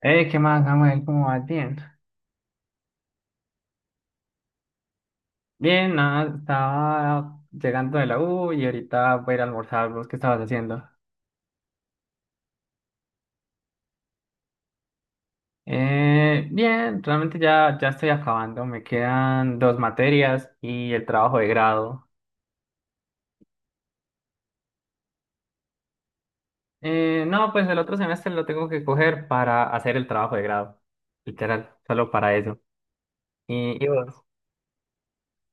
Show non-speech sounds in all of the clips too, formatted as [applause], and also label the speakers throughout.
Speaker 1: ¿Qué más, Samuel? ¿Cómo vas? Bien. Bien, nada, estaba llegando de la U y ahorita voy a ir a almorzar. ¿Vos qué estabas haciendo? Bien, realmente ya estoy acabando. Me quedan dos materias y el trabajo de grado. No, pues el otro semestre lo tengo que coger para hacer el trabajo de grado. Literal, solo para eso. ¿Y vos?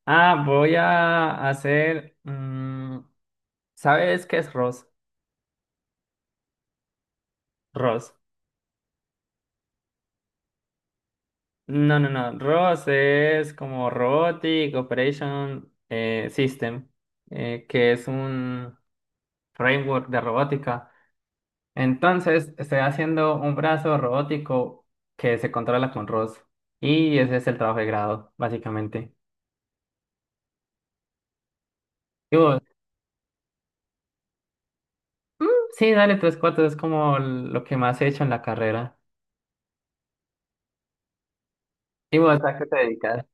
Speaker 1: Ah, voy a hacer... mm, ¿sabes qué es ROS? ROS. No, no, no. ROS es como Robotic Operation, System, que es un framework de robótica. Entonces, estoy haciendo un brazo robótico que se controla con ROS. Y ese es el trabajo de grado, básicamente. Y vos, sí, dale tres cuartos, es como lo que más he hecho en la carrera. ¿Y vos a qué te dedicas?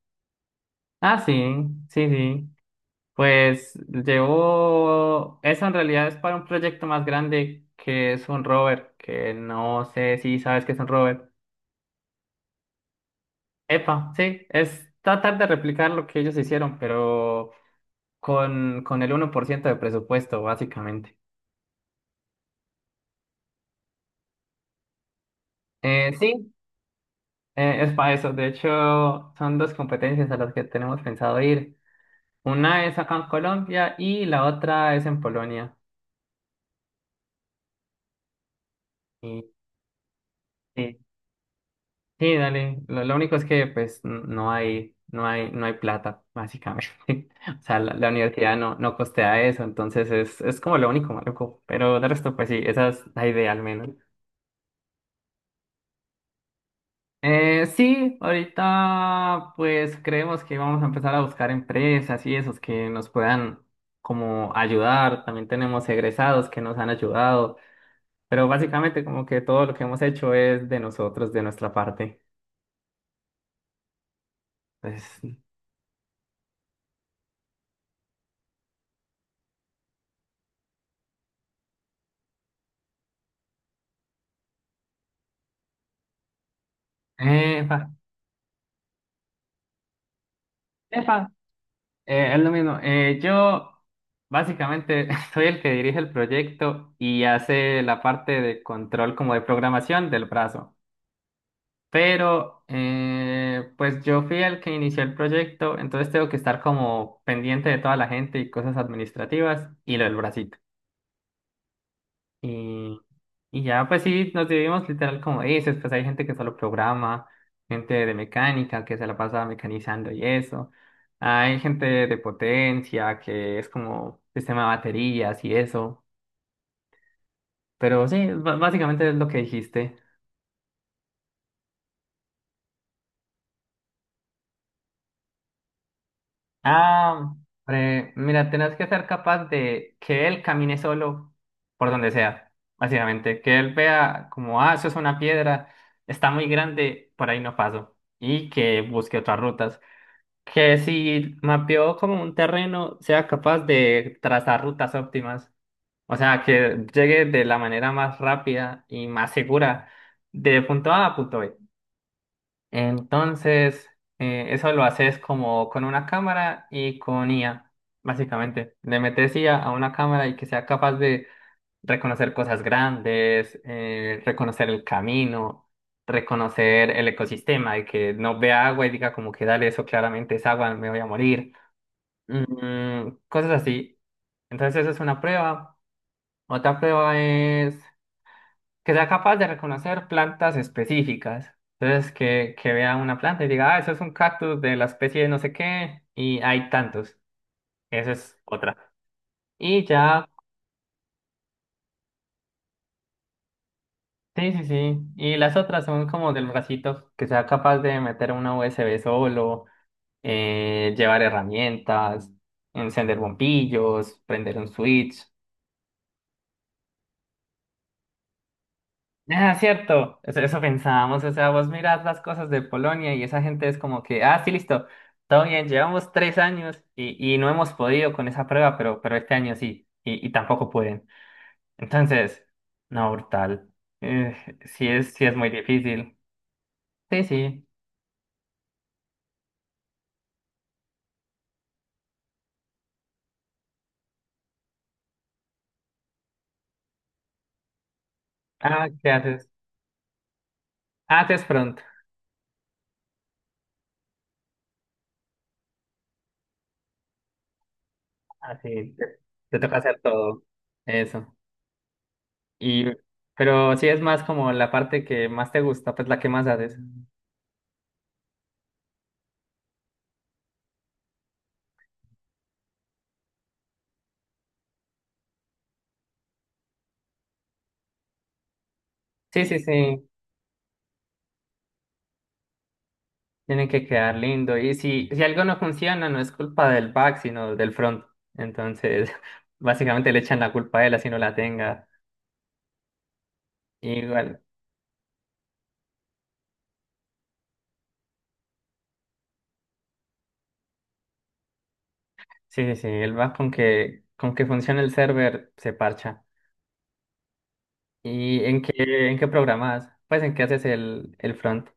Speaker 1: Ah, sí, sí, sí. Pues llevo, eso en realidad es para un proyecto más grande que es un rover, que no sé si sabes qué es un rover. Epa, sí, es tratar de replicar lo que ellos hicieron, pero con el 1% de presupuesto, básicamente. Sí, es para eso. De hecho, son dos competencias a las que tenemos pensado ir. Una es acá en Colombia y la otra es en Polonia. Y, sí, sí, dale. Lo único es que pues no hay plata, básicamente. [laughs] O sea, la universidad no costea eso, entonces es como lo único maluco. Pero de resto, pues sí, esa es la idea al menos. Sí, ahorita pues creemos que vamos a empezar a buscar empresas y esos que nos puedan como ayudar. También tenemos egresados que nos han ayudado, pero básicamente como que todo lo que hemos hecho es de nosotros, de nuestra parte. Pues, epa, epa. Es lo mismo. Yo básicamente [laughs] soy el que dirige el proyecto y hace la parte de control como de programación del brazo. Pero pues yo fui el que inició el proyecto, entonces tengo que estar como pendiente de toda la gente y cosas administrativas y lo del bracito. Y, y ya, pues sí, nos dividimos literal como dices, pues hay gente que solo programa, gente de mecánica que se la pasa mecanizando y eso. Hay gente de potencia que es como sistema de baterías y eso. Pero sí, básicamente es lo que dijiste. Ah, hombre, mira, tenés que ser capaz de que él camine solo por donde sea, básicamente. Que él vea como, ah, eso es una piedra, está muy grande, por ahí no paso. Y que busque otras rutas. Que si mapeó como un terreno, sea capaz de trazar rutas óptimas. O sea, que llegue de la manera más rápida y más segura de punto A a punto B. Entonces, eso lo haces como con una cámara y con IA, básicamente. Le metes IA a una cámara y que sea capaz de reconocer cosas grandes, reconocer el camino, reconocer el ecosistema y que no vea agua y diga como que dale, eso claramente es agua, me voy a morir, cosas así. Entonces eso es una prueba. Otra prueba es que sea capaz de reconocer plantas específicas. Entonces que vea una planta y diga, ah, eso es un cactus de la especie de no sé qué y hay tantos. Esa es otra. Y ya, sí, sí, sí. Y las otras son como del bracito, que sea capaz de meter una USB solo, llevar herramientas, encender bombillos, prender un switch. Ah, cierto, eso pensábamos, o sea, vos mirás las cosas de Polonia y esa gente es como que, ah, sí, listo, todo bien, llevamos 3 años y no hemos podido con esa prueba, pero este año sí, y tampoco pueden. Entonces, no, brutal. Eh, sí es muy difícil. Sí, sí. Ah, ¿qué haces? Ah, te es pronto. Ah, sí, te toca hacer todo eso. Y, pero sí es más como la parte que más te gusta, pues la que más haces. Sí, sí, sí. Tiene que quedar lindo. Y si algo no funciona, no es culpa del back, sino del front. Entonces, [laughs] básicamente le echan la culpa a él, así no la tenga. Igual, sí, sí, sí, el back con que funcione el server se parcha. ¿Y en qué programas? Pues en qué haces el front.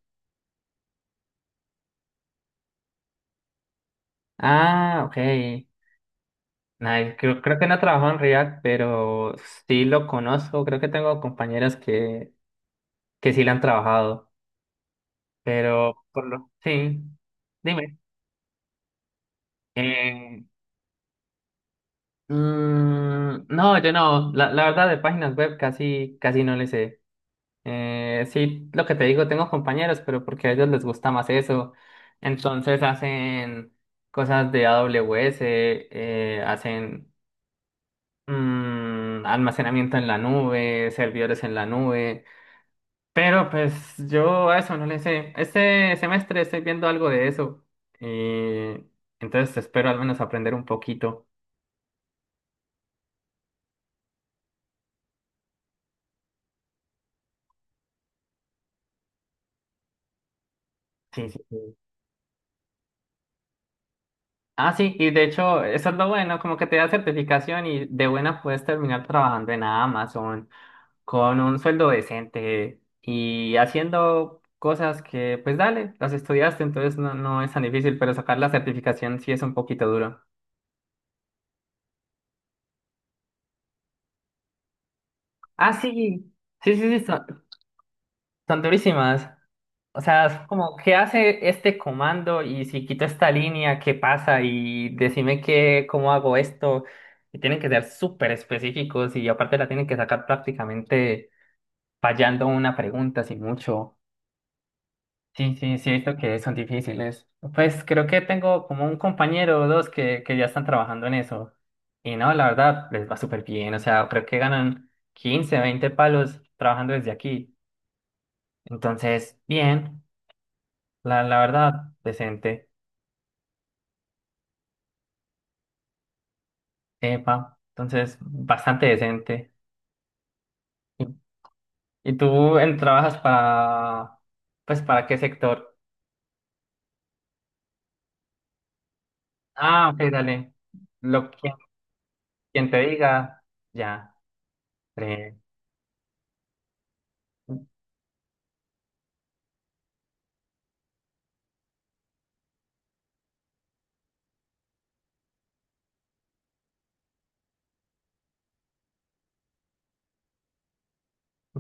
Speaker 1: Ah, ok. Nice. Creo que no trabajo en React, pero sí lo conozco. Creo que tengo compañeras que sí lo han trabajado. Sí. Dime. Eh, no, yo no. La verdad, de páginas web casi, casi no le sé. Sí, lo que te digo, tengo compañeros, pero porque a ellos les gusta más eso. Entonces hacen cosas de AWS, hacen almacenamiento en la nube, servidores en la nube. Pero pues yo a eso no le sé. Este semestre estoy viendo algo de eso. Y entonces espero al menos aprender un poquito. Sí, sí, sí. Ah, sí, y de hecho, eso es lo bueno, como que te da certificación y de buena puedes terminar trabajando en Amazon con un sueldo decente y haciendo cosas que, pues dale, las estudiaste, entonces no, no es tan difícil, pero sacar la certificación sí es un poquito duro. Ah, sí, sí, sí, sí, son durísimas. O sea, es como, ¿qué hace este comando? Y si quito esta línea, ¿qué pasa? Y decime qué, cómo hago esto. Y tienen que ser súper específicos y aparte la tienen que sacar prácticamente fallando una pregunta, sin mucho. Sí, sí, sí, he visto que son difíciles. Pues creo que tengo como un compañero o dos que ya están trabajando en eso. Y no, la verdad, les va súper bien. O sea, creo que ganan 15, 20 palos trabajando desde aquí. Entonces, bien, la verdad, decente. Epa, entonces bastante decente. ¿Y, y tú trabajas pues, para qué sector? Ah, ok, dale. Lo que Quien te diga, ya. Breve.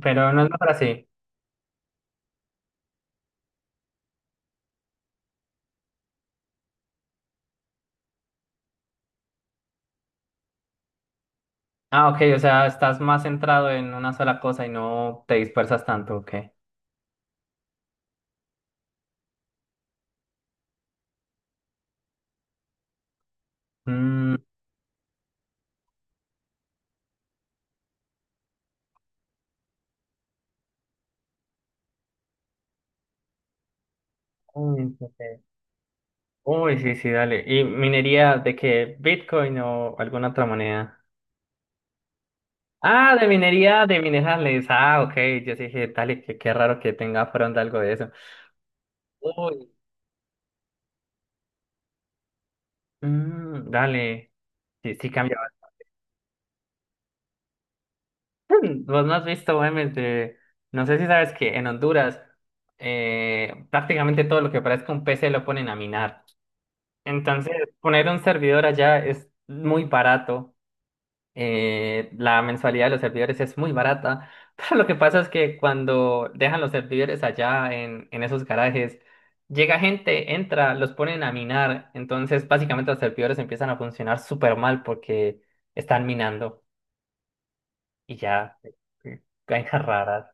Speaker 1: Pero no es mejor así. Ah, ok, o sea, estás más centrado en una sola cosa y no te dispersas tanto, ok. Mm, uy, ok. Uy, sí, sí, dale. ¿Y minería de qué? ¿Bitcoin o alguna otra moneda? Ah, de minería de minerales. Ah, ok. Yo sí dije, dale, qué raro que tenga pronto algo de eso. Uy, mm, dale. Sí, sí cambia. Bastante. [laughs] Vos no has visto memes de. No sé si sabes que en Honduras prácticamente todo lo que parezca un PC lo ponen a minar. Entonces, poner un servidor allá es muy barato. La mensualidad de los servidores es muy barata, [laughs] pero lo que pasa es que cuando dejan los servidores allá en esos garajes, llega gente, entra, los ponen a minar, entonces básicamente los servidores empiezan a funcionar súper mal porque están minando y ya, eh, vainas raras.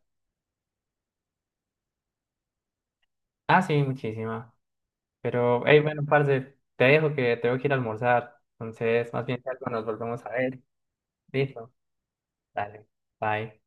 Speaker 1: Ah, sí, muchísima. Pero, hey, bueno, parce, te dejo que tengo que ir a almorzar, entonces más bien si algo nos volvemos a ver. Listo, dale, bye.